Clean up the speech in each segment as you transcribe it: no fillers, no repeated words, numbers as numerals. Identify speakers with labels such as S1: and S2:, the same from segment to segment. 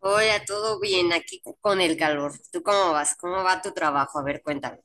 S1: Hola, todo bien aquí con el calor. ¿Tú cómo vas? ¿Cómo va tu trabajo? A ver, cuéntame.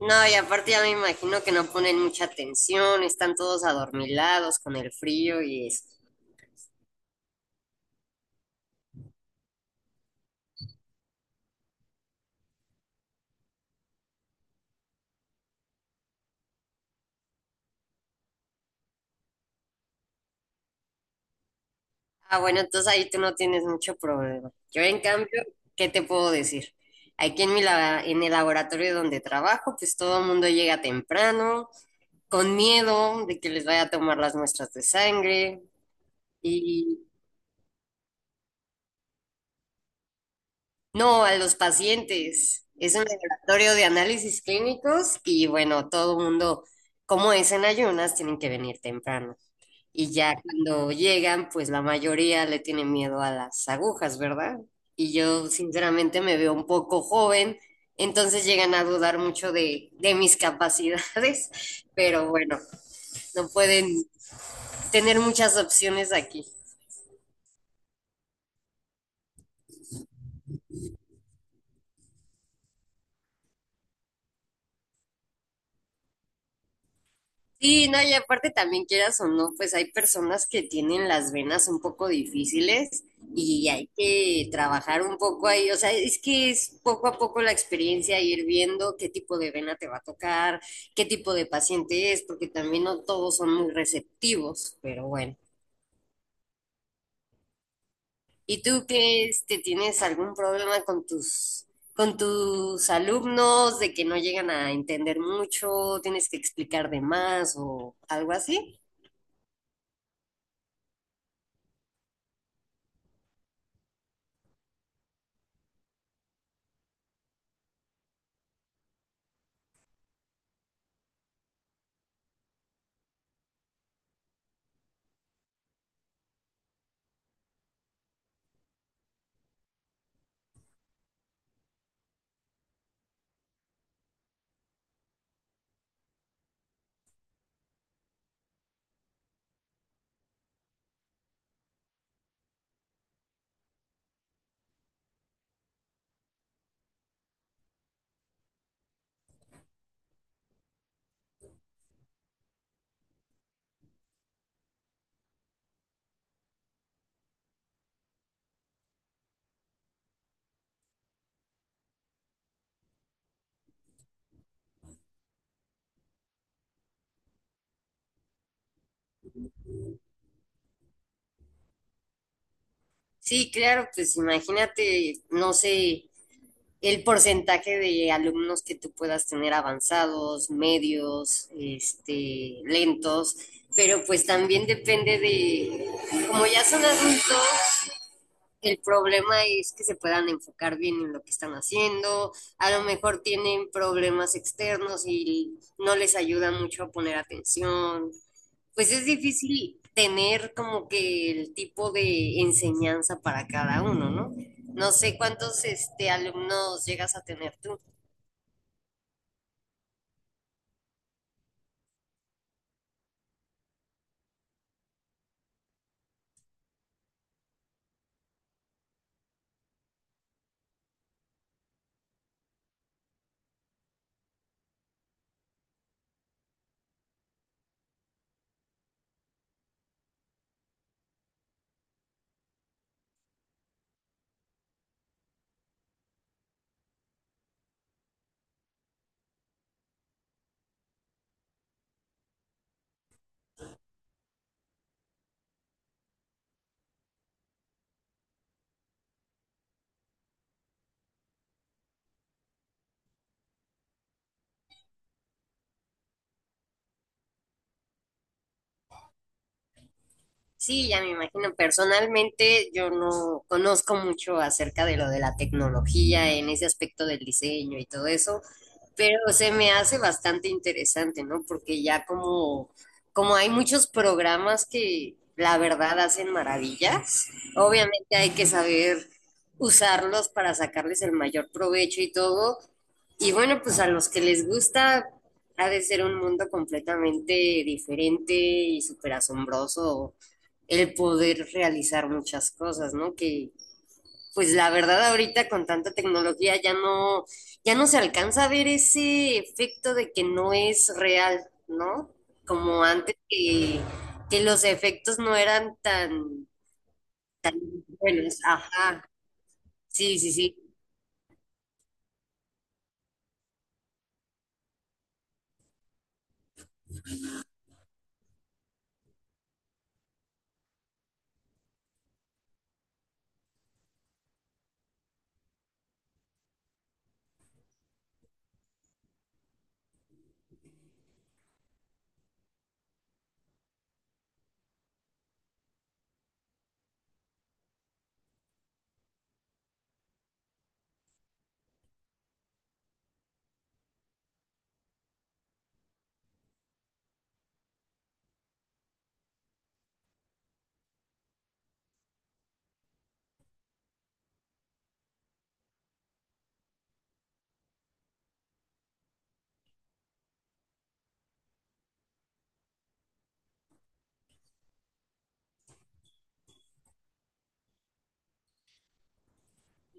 S1: No, y aparte ya me imagino que no ponen mucha atención, están todos adormilados con el frío y eso. Ah, bueno, entonces ahí tú no tienes mucho problema. Yo, en cambio, ¿qué te puedo decir? Aquí en en el laboratorio donde trabajo, pues todo el mundo llega temprano, con miedo de que les vaya a tomar las muestras de sangre. No, a los pacientes. Es un laboratorio de análisis clínicos y bueno, todo el mundo, como es en ayunas, tienen que venir temprano. Y ya cuando llegan, pues la mayoría le tiene miedo a las agujas, ¿verdad? Y yo sinceramente me veo un poco joven, entonces llegan a dudar mucho de mis capacidades, pero bueno, no pueden tener muchas opciones aquí. Sí, no, y aparte también quieras o no, pues hay personas que tienen las venas un poco difíciles y hay que trabajar un poco ahí, o sea, es que es poco a poco la experiencia, ir viendo qué tipo de vena te va a tocar, qué tipo de paciente es, porque también no todos son muy receptivos, pero bueno. ¿Y tú qué, este, tienes algún problema con tus alumnos de que no llegan a entender mucho, tienes que explicar de más o algo así? Sí, claro, pues imagínate, no sé, el porcentaje de alumnos que tú puedas tener avanzados, medios, este, lentos, pero pues también depende de, como ya son adultos, el problema es que se puedan enfocar bien en lo que están haciendo. A lo mejor tienen problemas externos y no les ayuda mucho a poner atención. Pues es difícil tener como que el tipo de enseñanza para cada uno, ¿no? No sé cuántos este, alumnos llegas a tener tú. Sí, ya me imagino. Personalmente, yo no conozco mucho acerca de lo de la tecnología en ese aspecto del diseño y todo eso, pero se me hace bastante interesante, ¿no? Porque ya como, como hay muchos programas que la verdad hacen maravillas, obviamente hay que saber usarlos para sacarles el mayor provecho y todo. Y bueno, pues a los que les gusta, ha de ser un mundo completamente diferente y súper asombroso el poder realizar muchas cosas, ¿no? Que pues la verdad ahorita con tanta tecnología ya no, ya no se alcanza a ver ese efecto de que no es real, ¿no? Como antes que los efectos no eran tan buenos. Ajá, sí, sí, sí.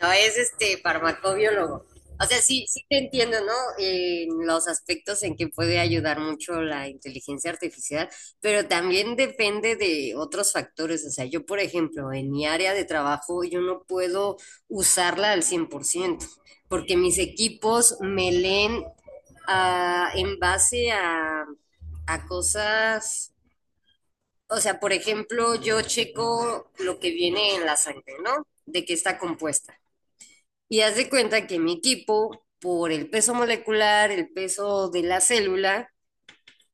S1: No, es este farmacobiólogo. O sea, sí, sí te entiendo, ¿no? En los aspectos en que puede ayudar mucho la inteligencia artificial, pero también depende de otros factores. O sea, yo, por ejemplo, en mi área de trabajo, yo no puedo usarla al 100% porque mis equipos me leen en base a cosas, o sea, por ejemplo, yo checo lo que viene en la sangre, ¿no? De qué está compuesta. Y haz de cuenta que mi equipo, por el peso molecular, el peso de la célula,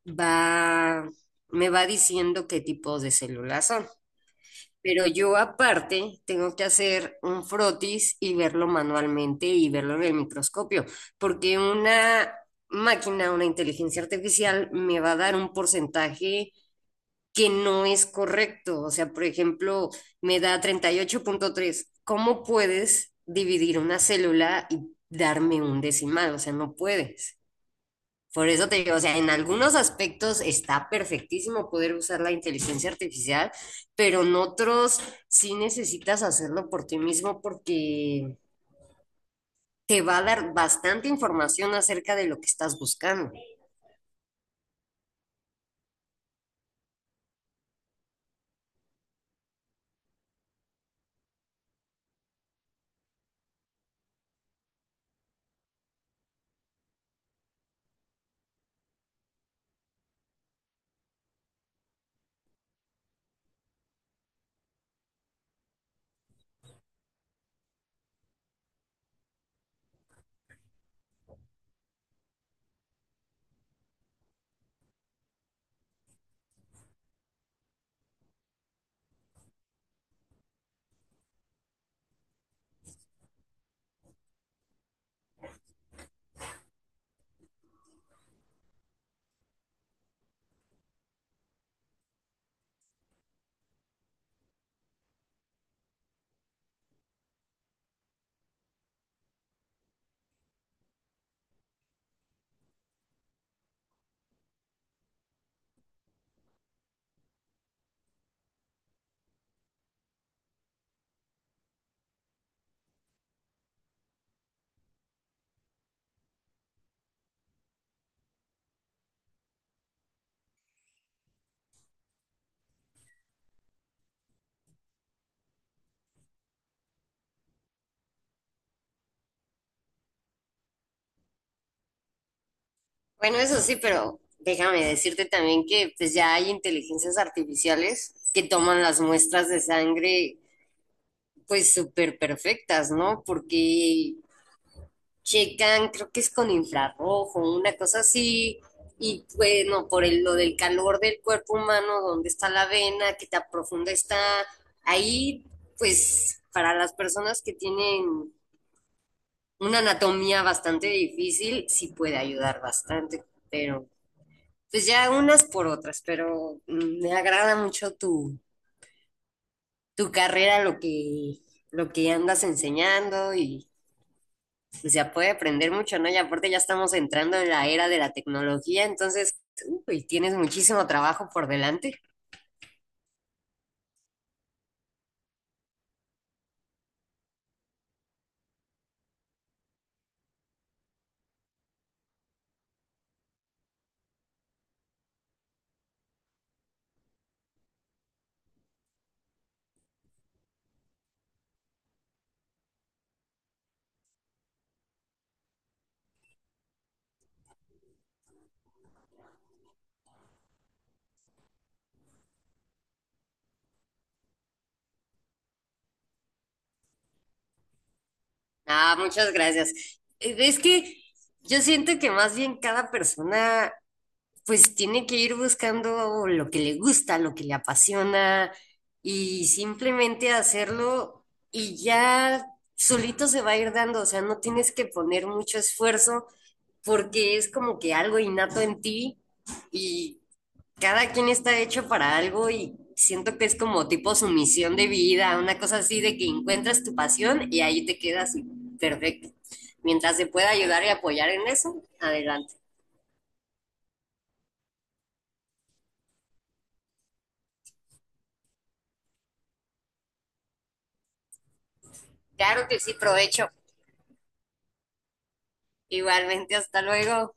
S1: va, me va diciendo qué tipos de células son. Pero yo aparte tengo que hacer un frotis y verlo manualmente y verlo en el microscopio, porque una máquina, una inteligencia artificial, me va a dar un porcentaje que no es correcto. O sea, por ejemplo, me da 38.3. ¿Cómo puedes dividir una célula y darme un decimal? O sea, no puedes. Por eso te digo, o sea, en algunos aspectos está perfectísimo poder usar la inteligencia artificial, pero en otros sí necesitas hacerlo por ti mismo porque te va a dar bastante información acerca de lo que estás buscando. Bueno, eso sí, pero déjame decirte también que pues ya hay inteligencias artificiales que toman las muestras de sangre pues súper perfectas, ¿no? Porque checan, creo que es con infrarrojo, una cosa así, y bueno, por el, lo del calor del cuerpo humano, dónde está la vena, qué tan profunda está, ahí pues para las personas que tienen una anatomía bastante difícil, sí puede ayudar bastante, pero pues ya unas por otras, pero me agrada mucho tu, tu carrera, lo que andas enseñando y pues ya puede aprender mucho, ¿no? Y aparte ya estamos entrando en la era de la tecnología, entonces, uy, tienes muchísimo trabajo por delante. Ah, muchas gracias. Es que yo siento que más bien cada persona pues tiene que ir buscando lo que le gusta, lo que le apasiona y simplemente hacerlo y ya solito se va a ir dando, o sea, no tienes que poner mucho esfuerzo porque es como que algo innato en ti y cada quien está hecho para algo y siento que es como tipo su misión de vida, una cosa así de que encuentras tu pasión y ahí te quedas y perfecto. Mientras se pueda ayudar y apoyar en eso, adelante. Claro que sí, provecho. Igualmente, hasta luego.